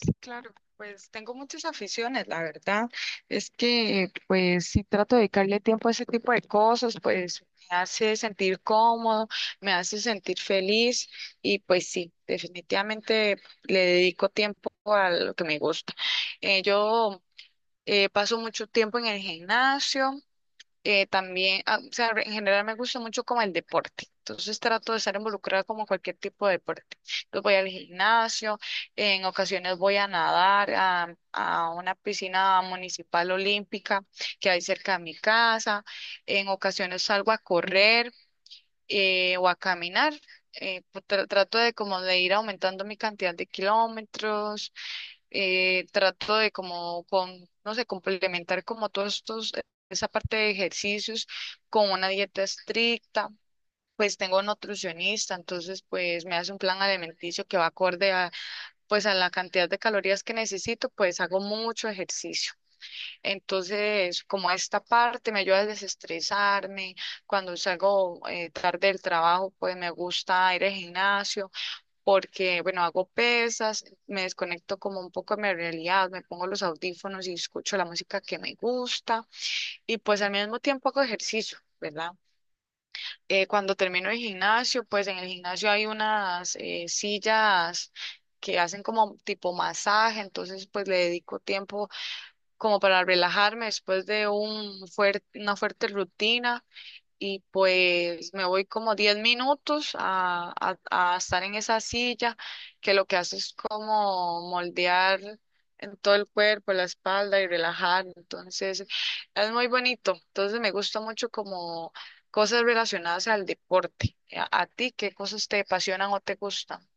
Sí, claro, pues tengo muchas aficiones, la verdad. Es que pues si trato de dedicarle tiempo a ese tipo de cosas, pues me hace sentir cómodo, me hace sentir feliz y pues sí, definitivamente le dedico tiempo a lo que me gusta. Yo paso mucho tiempo en el gimnasio, también, o sea, en general me gusta mucho como el deporte. Entonces trato de estar involucrada como cualquier tipo de deporte. Entonces voy al gimnasio, en ocasiones voy a nadar a una piscina municipal olímpica que hay cerca de mi casa, en ocasiones salgo a correr o a caminar. Pues, trato de como de ir aumentando mi cantidad de kilómetros, trato de como con, no sé, complementar como todos estos, esa parte de ejercicios con una dieta estricta. Pues tengo nutricionista, entonces pues me hace un plan alimenticio que va acorde a pues a la cantidad de calorías que necesito, pues hago mucho ejercicio. Entonces, como esta parte me ayuda a desestresarme, cuando salgo tarde del trabajo, pues me gusta ir al gimnasio porque, bueno, hago pesas, me desconecto como un poco de mi realidad, me pongo los audífonos y escucho la música que me gusta y pues al mismo tiempo hago ejercicio, ¿verdad? Cuando termino el gimnasio, pues en el gimnasio hay unas sillas que hacen como tipo masaje, entonces pues le dedico tiempo como para relajarme después de un fuerte, una fuerte rutina y pues me voy como 10 minutos a estar en esa silla que lo que hace es como moldear en todo el cuerpo, la espalda y relajar. Entonces es muy bonito. Entonces me gusta mucho como cosas relacionadas al deporte. ¿A ti qué cosas te apasionan o te gustan?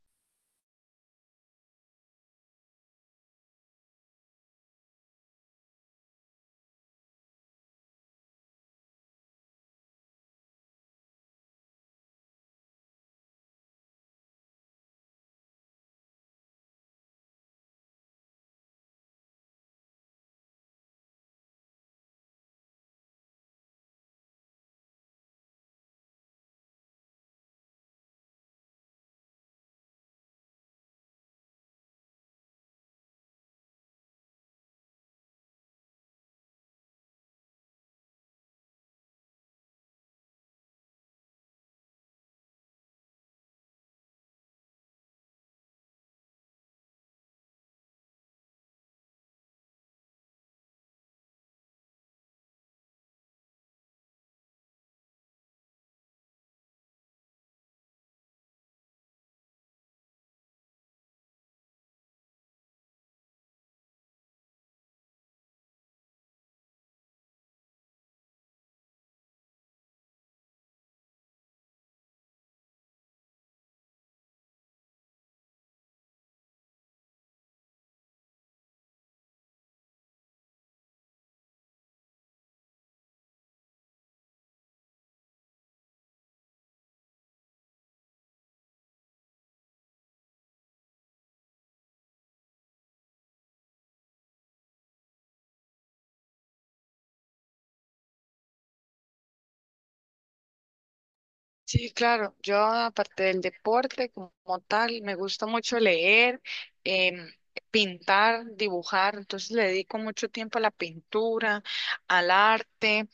Sí, claro. Yo, aparte del deporte como tal, me gusta mucho leer, em, pintar, dibujar. Entonces le dedico mucho tiempo a la pintura, al arte,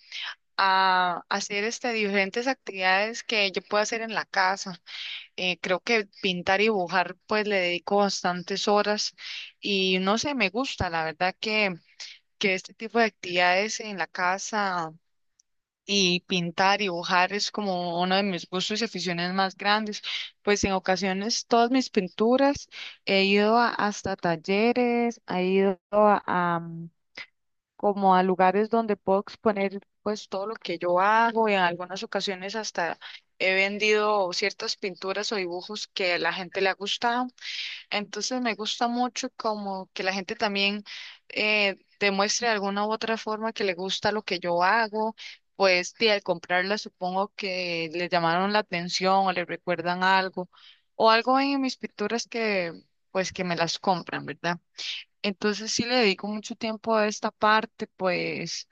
a hacer diferentes actividades que yo puedo hacer en la casa. Creo que pintar y dibujar, pues le dedico bastantes horas y no sé, me gusta. La verdad que este tipo de actividades en la casa y pintar y dibujar es como uno de mis gustos y aficiones más grandes. Pues en ocasiones todas mis pinturas hasta talleres, he ido a como a lugares donde puedo exponer pues todo lo que yo hago y en algunas ocasiones hasta he vendido ciertas pinturas o dibujos que a la gente le ha gustado. Entonces me gusta mucho como que la gente también demuestre de alguna u otra forma que le gusta lo que yo hago, pues y al comprarla supongo que le llamaron la atención o le recuerdan algo o algo en mis pinturas que pues que me las compran, ¿verdad? Entonces sí le dedico mucho tiempo a esta parte, pues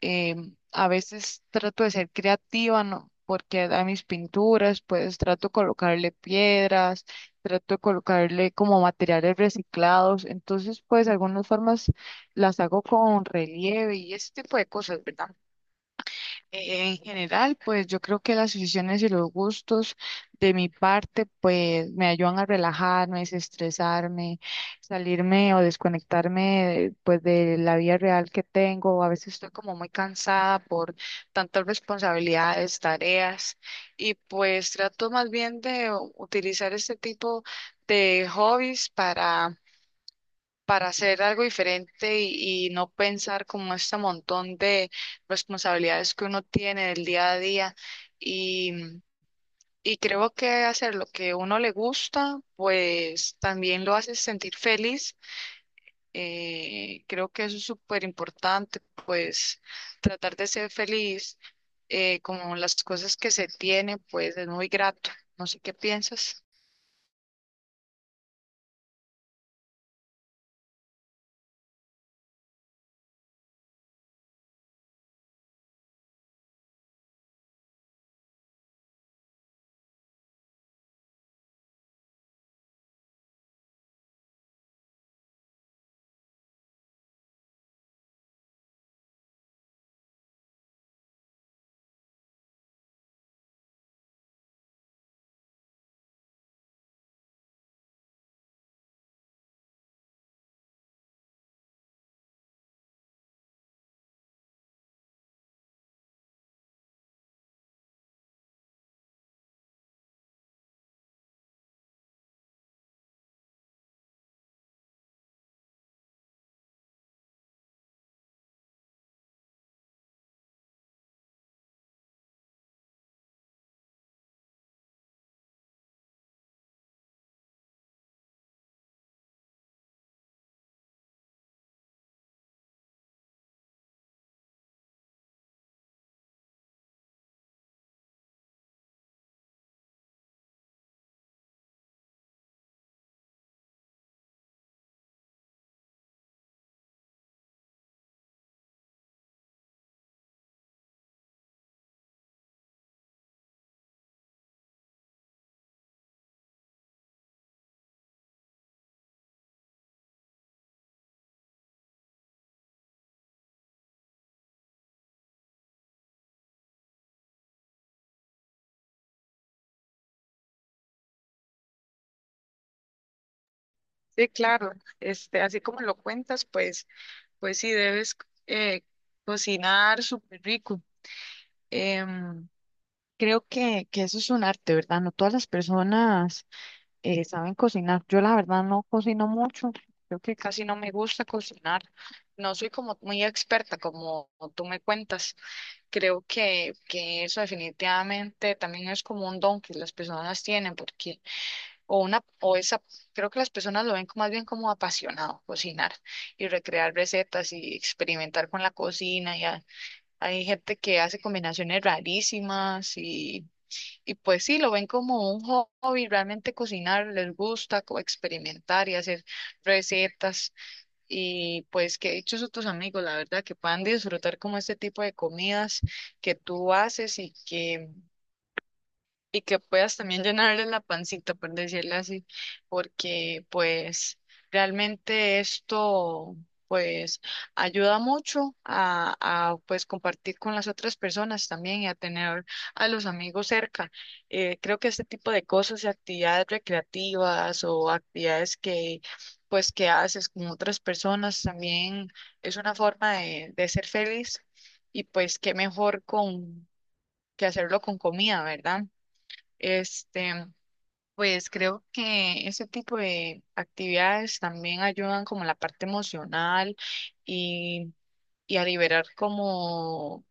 eh, a veces trato de ser creativa, ¿no? Porque a mis pinturas, pues trato de colocarle piedras, trato de colocarle como materiales reciclados. Entonces, pues algunas formas las hago con relieve y ese tipo de cosas, ¿verdad? En general, pues yo creo que las aficiones y los gustos de mi parte, pues me ayudan a relajarme, desestresarme, salirme o desconectarme pues de la vida real que tengo. A veces estoy como muy cansada por tantas responsabilidades, tareas y pues trato más bien de utilizar este tipo de hobbies para hacer algo diferente y no pensar como este montón de responsabilidades que uno tiene del día a día. Y, y creo que hacer lo que uno le gusta, pues también lo hace sentir feliz. Creo que eso es súper importante, pues tratar de ser feliz con las cosas que se tiene, pues es muy grato. No sé qué piensas. Sí, claro, así como lo cuentas, pues sí, debes eh, cocinar súper rico. Em, Creo que eso es un arte, ¿verdad? No todas las personas saben cocinar. Yo la verdad no cocino mucho. Creo que casi no me gusta cocinar. No soy como muy experta, como tú me cuentas. Creo que eso definitivamente también es como un don que las personas tienen, porque o una, o esa, creo que las personas lo ven más bien como apasionado, cocinar y recrear recetas y experimentar con la cocina. Y hay gente que hace combinaciones rarísimas y pues sí, lo ven como un hobby, realmente cocinar les gusta, como experimentar y hacer recetas. Y pues que dichosos tus amigos, la verdad, que puedan disfrutar como este tipo de comidas que tú haces y que puedas también llenarle la pancita, por decirlo así, porque pues realmente esto pues ayuda mucho a pues compartir con las otras personas también y a tener a los amigos cerca. Creo que este tipo de cosas y actividades recreativas o actividades que pues que haces con otras personas también es una forma de ser feliz y pues qué mejor con que hacerlo con comida, ¿verdad? Este, pues creo que ese tipo de actividades también ayudan como la parte emocional y, y a liberar como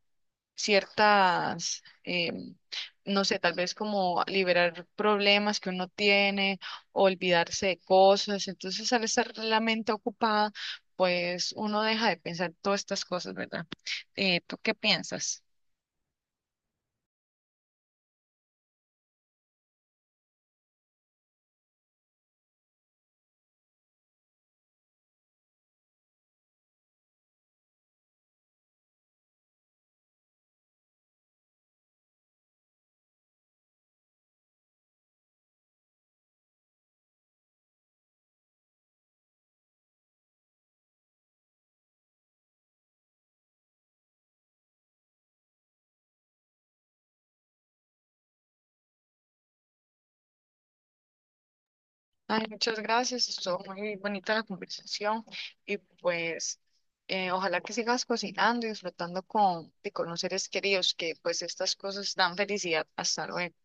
ciertas, em, no sé, tal vez como liberar problemas que uno tiene, olvidarse de cosas. Entonces, al estar la mente ocupada, pues uno deja de pensar todas estas cosas, ¿verdad? ¿Tú qué piensas? Ay, muchas gracias, estuvo muy bonita la conversación y pues ojalá que sigas cocinando y disfrutando con los seres queridos, que pues estas cosas dan felicidad. Hasta luego.